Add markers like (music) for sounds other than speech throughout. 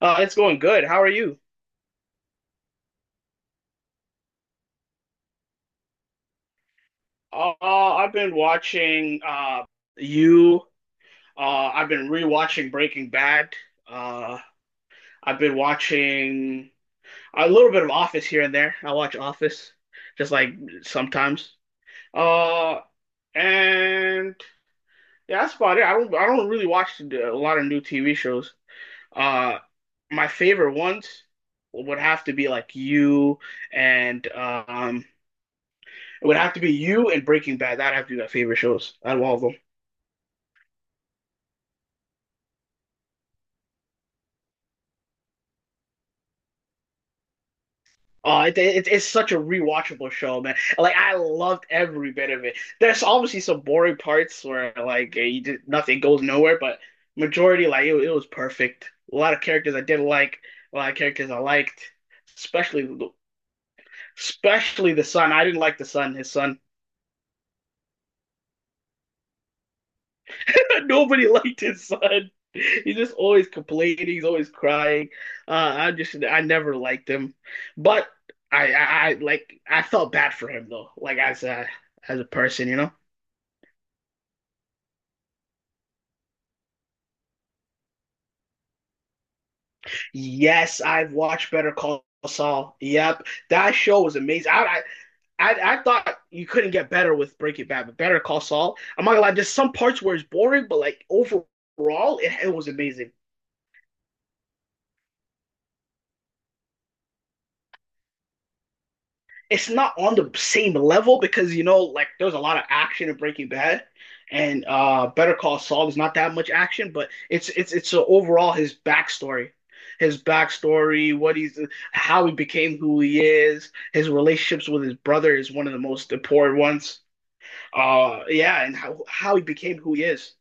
It's going good. How are you? I've been watching you. Uh, I've been rewatching Breaking Bad. Uh, I've been watching a little bit of Office here and there. I watch Office just like sometimes. Uh, and yeah, that's about it. I don't really watch a lot of new TV shows. Uh, my favorite ones would have to be like you and. It would have to be you and Breaking Bad. That'd have to be my favorite shows out of all of them. Oh, it's such a rewatchable show, man. Like I loved every bit of it. There's obviously some boring parts where like you did, nothing goes nowhere, but majority like it was perfect. A lot of characters I didn't like, a lot of characters I liked, especially especially the son. I didn't like the son. His son. (laughs) Nobody liked his son. He's just always complaining. He's always crying. I just I never liked him, but I like I felt bad for him though. Like as a person. Yes, I've watched Better Call Saul. Yep, that show was amazing. I thought you couldn't get better with Breaking Bad, but Better Call Saul. I'm not gonna lie, there's some parts where it's boring, but like overall, it was amazing. It's not on the same level because, like there's a lot of action in Breaking Bad, and Better Call Saul is not that much action, but it's overall, his backstory, what he's how he became who he is, his relationships with his brother is one of the most important ones. Yeah, and how he became who he is,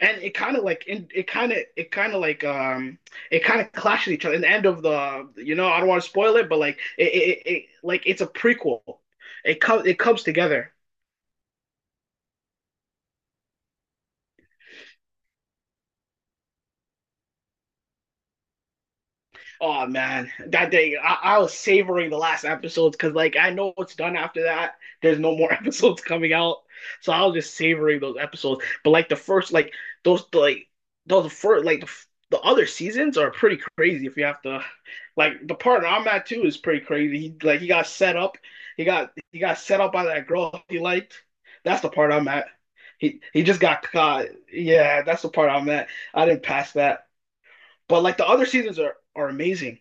and it kind of like it kind of clashes each other in the end of the, you know, I don't want to spoil it, but like it like it's a prequel. It comes together. Oh man, that day I was savoring the last episodes because, like, I know it's done after that. There's no more (laughs) episodes coming out, so I was just savoring those episodes. But like the first, like those first, like the other seasons are pretty crazy. If you have to, like, the partner I'm at too is pretty crazy. He like he got set up. He got set up by that girl he liked. That's the part I'm at. He just got caught. Yeah, that's the part I'm at. I didn't pass that. But like the other seasons are amazing.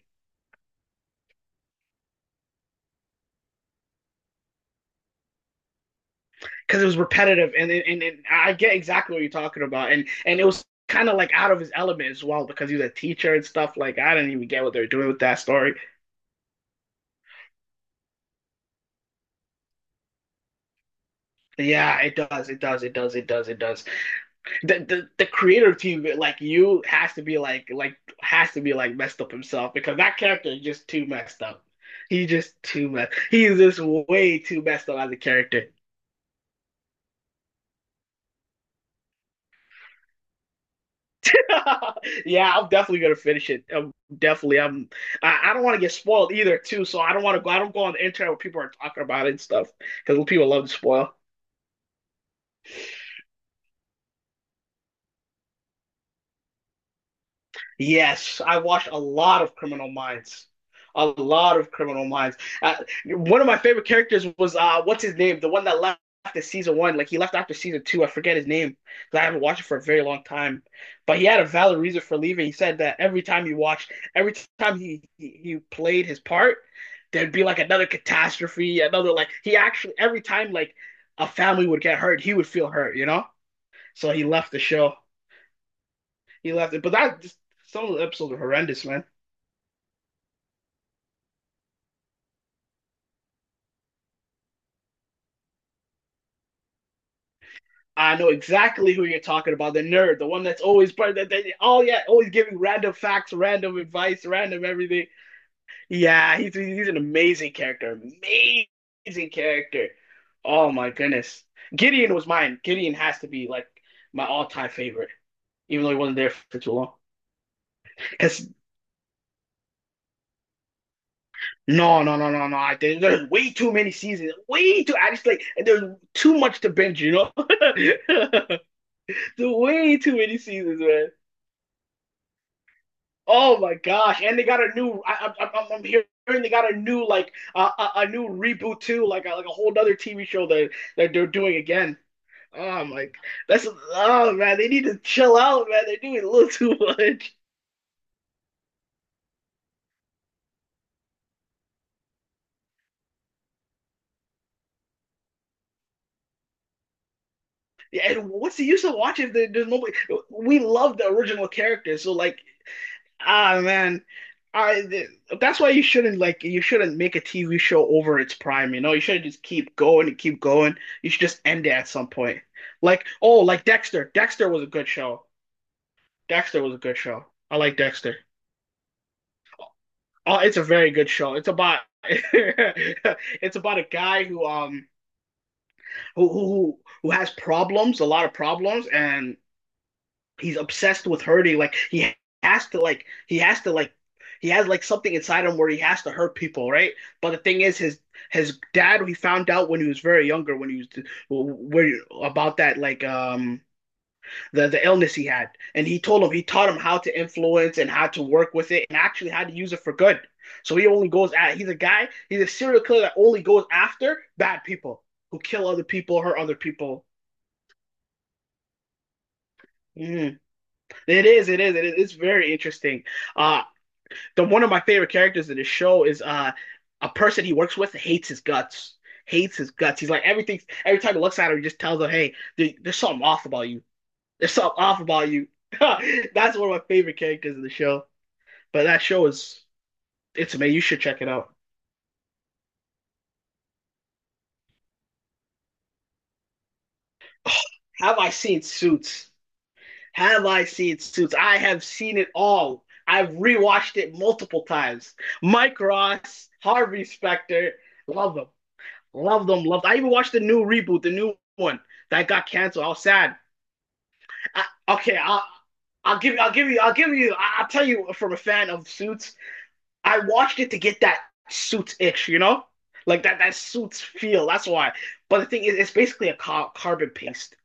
Because it was repetitive and I get exactly what you're talking about, and it was kind of like out of his element as well because he was a teacher and stuff like I didn't even get what they're doing with that story. Yeah, it does, it does, it does, it does, it does. The creator team like you has to be like has to be like messed up himself because that character is just too messed up. He just too messed. He's just way too messed up as a character. (laughs) Yeah, I'm definitely gonna finish it. I'm definitely. I'm. I don't want to get spoiled either, too. So I don't want to go. I don't go on the internet where people are talking about it and stuff because people love to spoil. Yes, I watched a lot of Criminal Minds. A lot of Criminal Minds. One of my favorite characters was what's his name? The one that left after season one. Like he left after season two. I forget his name because I haven't watched it for a very long time. But he had a valid reason for leaving. He said that every time he watched, every time he played his part, there'd be like another catastrophe, another like he actually every time like a family would get hurt, he would feel hurt. So he left the show. He left it, but that just, some of the episodes are horrendous, man. I know exactly who you're talking about. The nerd, the one that's always part that oh yeah, always giving random facts, random advice, random everything. Yeah, he's an amazing character, amazing character. Oh my goodness, Gideon was mine. Gideon has to be like my all-time favorite, even though he wasn't there for too long. Because no, no, no, no, no. I think there's way too many seasons. Way too. I just like there's too much to binge. You know, (laughs) there's way too many seasons, man. Oh my gosh! And they got a new. I'm hearing they got a new like a new reboot too, like a whole other TV show that they're doing again. Oh my, that's oh man, they need to chill out, man. They're doing a little (laughs) too much. Yeah, and what's the use of watching if there's nobody? We love the original character, so like, ah man, I th- that's why you shouldn't make a TV show over its prime. You know, you should just keep going and keep going. You should just end it at some point. Like oh, like Dexter. Dexter was a good show. Dexter was a good show. I like Dexter. Oh, it's a very good show. It's about (laughs) it's about a guy who who has problems, a lot of problems, and he's obsessed with hurting. Like has to like he has to like he has like something inside him where he has to hurt people, right? But the thing is, his dad he found out when he was very younger when he was where about that like the illness he had, and he told him he taught him how to influence and how to work with it and actually how to use it for good. So he only goes at he's a guy he's a serial killer that only goes after bad people who kill other people, hurt other people. Mm. It is, it is, it is. It's very interesting. Uh, the one of my favorite characters in the show is a person he works with hates his guts. Hates his guts. He's like everything. Every time he looks at her, he just tells her, "Hey, there's something off about you. There's something off about you." (laughs) That's one of my favorite characters in the show. But that show is, it's amazing. You should check it out. (sighs) Have I seen Suits? Have I seen Suits? I have seen it all. I've rewatched it multiple times. Mike Ross, Harvey Specter, love them. Love them, loved. I even watched the new reboot, the new one that got canceled. I was sad. I, okay, I'll give you. I will tell you from a fan of Suits, I watched it to get that Suits itch, you know, like that Suits feel. That's why. But the thing is, it's basically a carbon paste.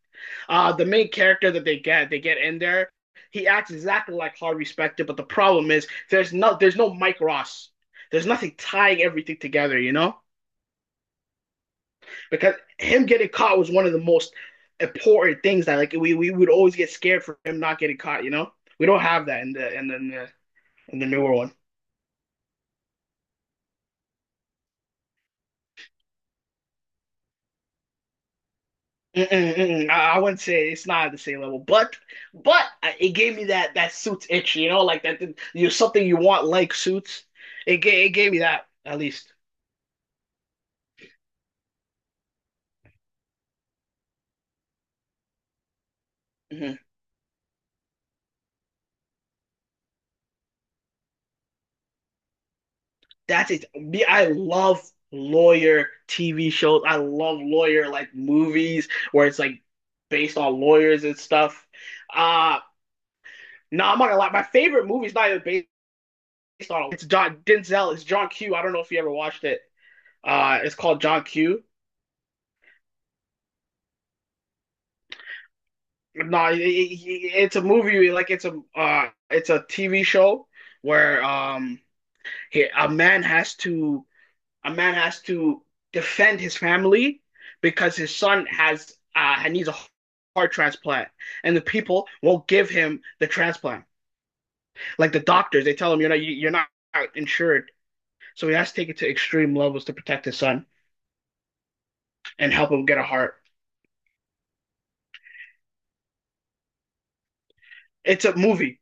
The main character that they get, in there. He acts exactly like Harvey Specter, but the problem is there's no Mike Ross. There's nothing tying everything together. Because him getting caught was one of the most important things that like we would always get scared for him not getting caught, you know? We don't have that in the newer one. Mm-mm, mm-mm. I wouldn't say it's not at the same level, but but it gave me that suits itch, like that you something you want like suits. It gave me that at least. hmm That's it. Me, I love lawyer TV shows. I love lawyer like movies where it's like based on lawyers and stuff. Uh No, nah, I'm not gonna lie. My favorite movie is not even based on it. It's John Denzel. It's John Q. I don't know if you ever watched it. It's called John Q. No, nah, it's a movie. Like it's a TV show where a man has to a man has to defend his family because his son has needs a heart transplant, and the people won't give him the transplant. Like the doctors, they tell him you're not insured, so he has to take it to extreme levels to protect his son. And help him get a heart. It's a movie.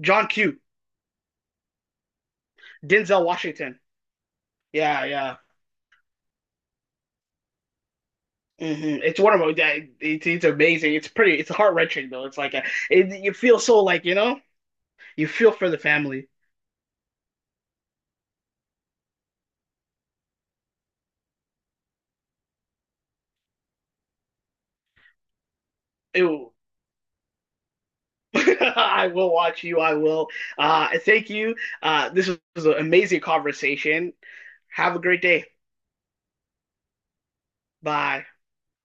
John Q. Denzel Washington. Yeah, yeah. It's one of my. It's amazing. It's pretty. It's heart wrenching though. It's like a, it, you feel so like you know. You feel for the family. Ew. (laughs) I will watch you. I will. Thank you. This was an amazing conversation. Have a great day. Bye.